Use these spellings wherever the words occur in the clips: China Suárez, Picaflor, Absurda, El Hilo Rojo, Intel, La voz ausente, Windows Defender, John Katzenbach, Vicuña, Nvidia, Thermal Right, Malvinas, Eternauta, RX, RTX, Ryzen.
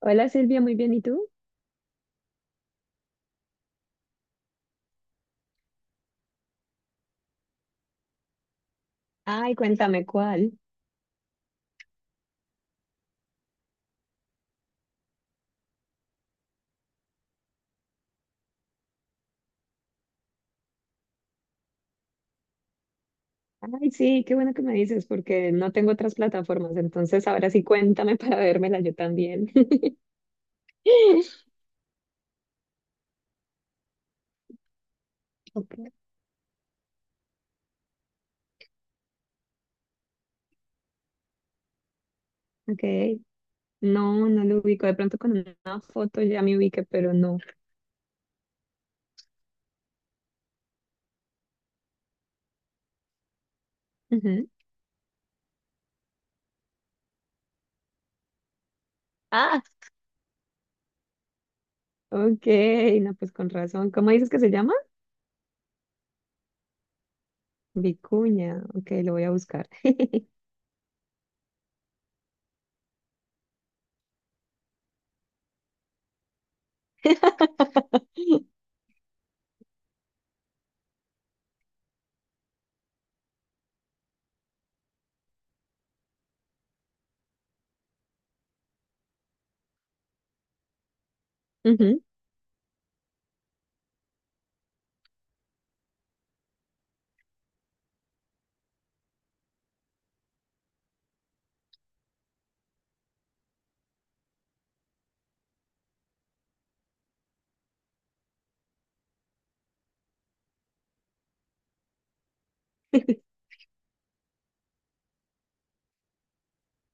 Hola Silvia, muy bien, ¿y tú? Ay, cuéntame cuál. Ay, sí, qué bueno que me dices, porque no tengo otras plataformas, entonces ahora sí cuéntame para vérmela yo también. Ok, ok. No, no lo ubico. De pronto con una foto ya me ubiqué, pero no. Ujú. Ah, ok, no, pues con razón. ¿Cómo dices que se llama? Vicuña. Ok, lo voy a buscar. Ujú.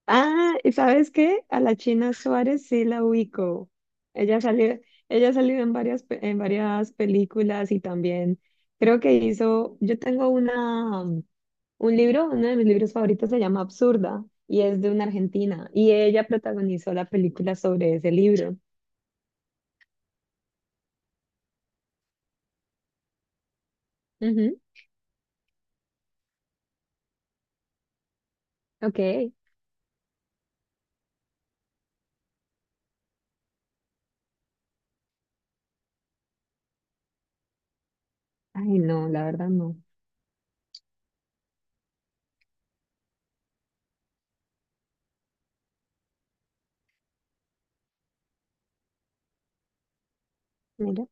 Ah, ¿y sabes qué? A la China Suárez sí la ubico. Ella salió, ella ha salido en varias, en varias películas y también creo que hizo, un libro, uno de mis libros favoritos se llama Absurda y es de una argentina y ella protagonizó la película sobre ese libro. Ujú, ok. Ay, no, la verdad no. Mira.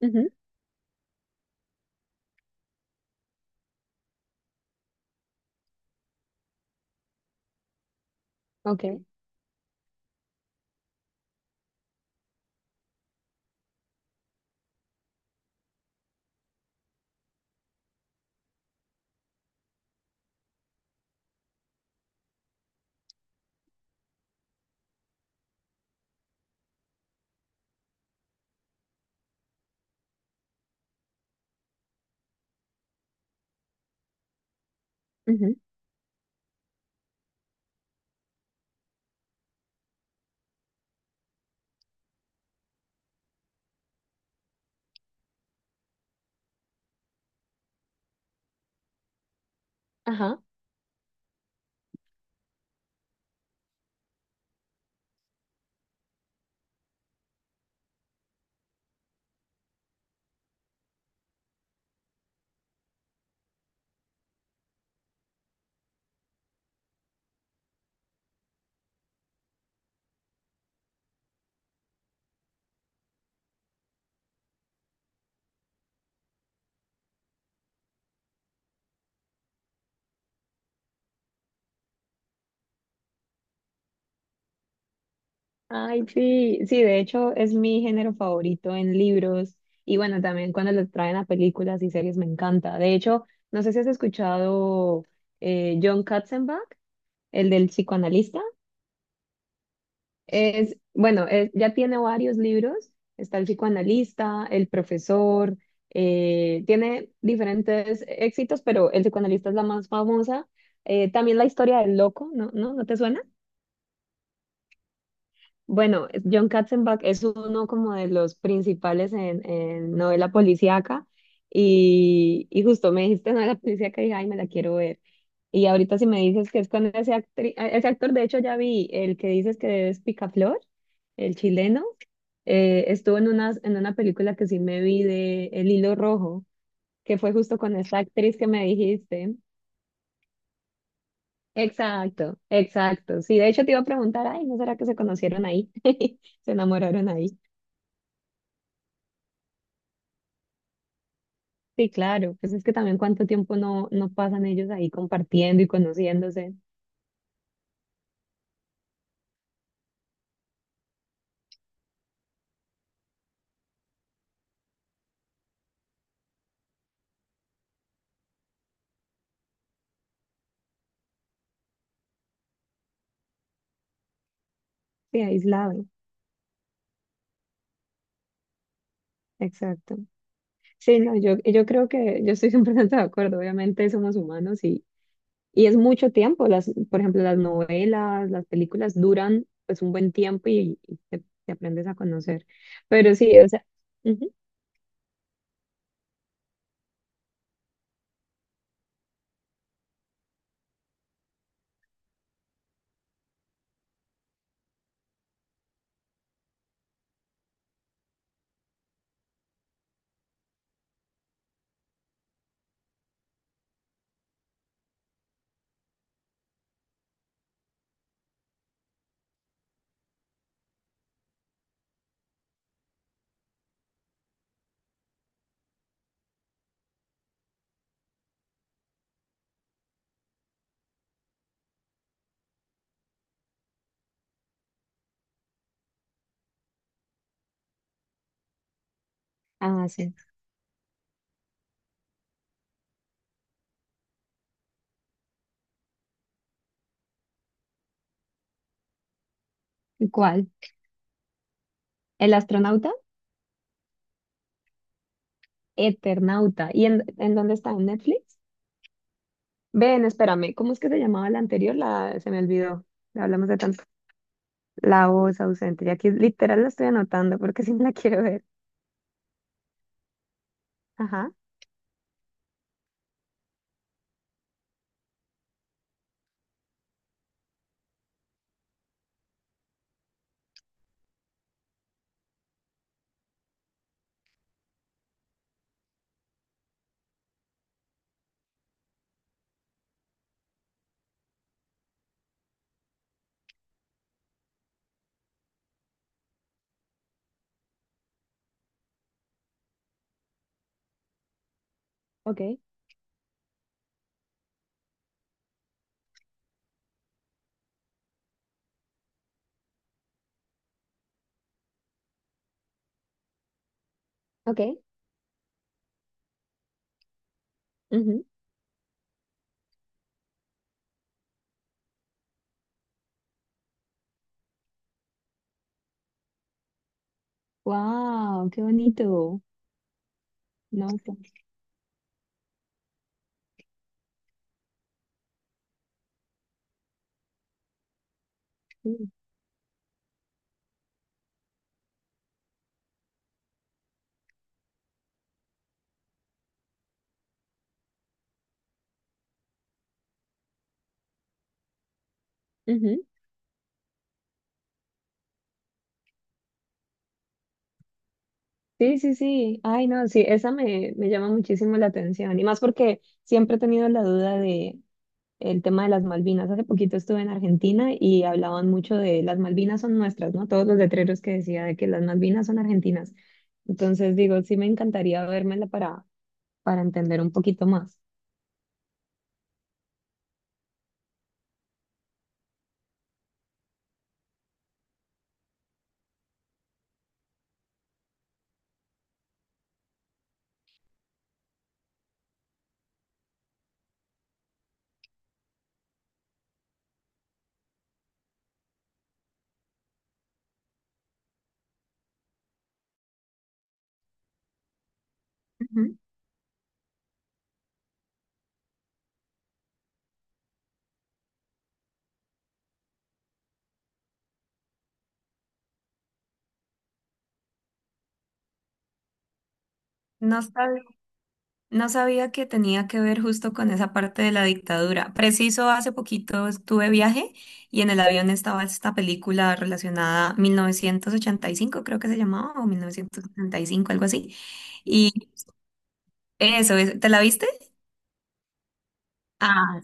Ujú, ok. Ujú. Ajá. Ay, sí, sí, de hecho es mi género favorito en libros y bueno, también cuando lo traen a películas y series me encanta. De hecho, no sé si has escuchado John Katzenbach, el del psicoanalista. Es, bueno, ya tiene varios libros. Está el psicoanalista, el profesor, tiene diferentes éxitos, pero el psicoanalista es la más famosa. También la historia del loco, ¿no? ¿No? ¿No te suena? Bueno, John Katzenbach es uno como de los principales en novela policíaca y justo me dijiste novela policíaca y dije, ay, me la quiero ver. Y ahorita si me dices que es con ese, ese actor, de hecho ya vi el que dices que es Picaflor, el chileno, estuvo en una película que sí me vi de El Hilo Rojo, que fue justo con esa actriz que me dijiste. Exacto, exacto. Sí, de hecho te iba a preguntar, ay, ¿no será que se conocieron ahí? Se enamoraron ahí. Sí, claro, pues es que también cuánto tiempo no, no pasan ellos ahí compartiendo y conociéndose, sí, aislado, exacto. Sí, no, yo creo que yo estoy 100% de acuerdo, obviamente somos humanos y es mucho tiempo, las, por ejemplo, las novelas, las películas duran pues un buen tiempo y te aprendes a conocer, pero sí, o sea, ujú. Ah, sí, ¿cuál? ¿El astronauta? Eternauta, ¿y en dónde está? ¿En Netflix? Ven, espérame, ¿cómo es que se llamaba la anterior? La, se me olvidó. Hablamos de tantas. La voz ausente. Y aquí literal la estoy anotando porque sí me la quiero ver. Ajá. Ok, ok. Ujú. Wow, qué bonito. No, pues sí. Ujú. Sí, sí, sí. Ay, no, sí, esa me, me llama muchísimo la atención. Y más porque siempre he tenido la duda de el tema de las Malvinas. Hace poquito estuve en Argentina y hablaban mucho de las Malvinas son nuestras, ¿no? Todos los letreros que decía de que las Malvinas son argentinas. Entonces digo, sí me encantaría vérmela para entender un poquito más. No sabía, no sabía que tenía que ver justo con esa parte de la dictadura. Preciso, hace poquito estuve viaje y en el avión estaba esta película relacionada 1985, creo que se llamaba, o 1975, algo así. Y eso, es- ¿te la viste? Ah,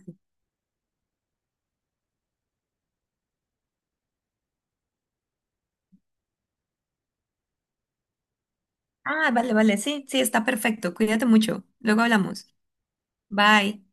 ah, vale, vale, sí, sí, está perfecto. Cuídate mucho. Luego hablamos. Bye.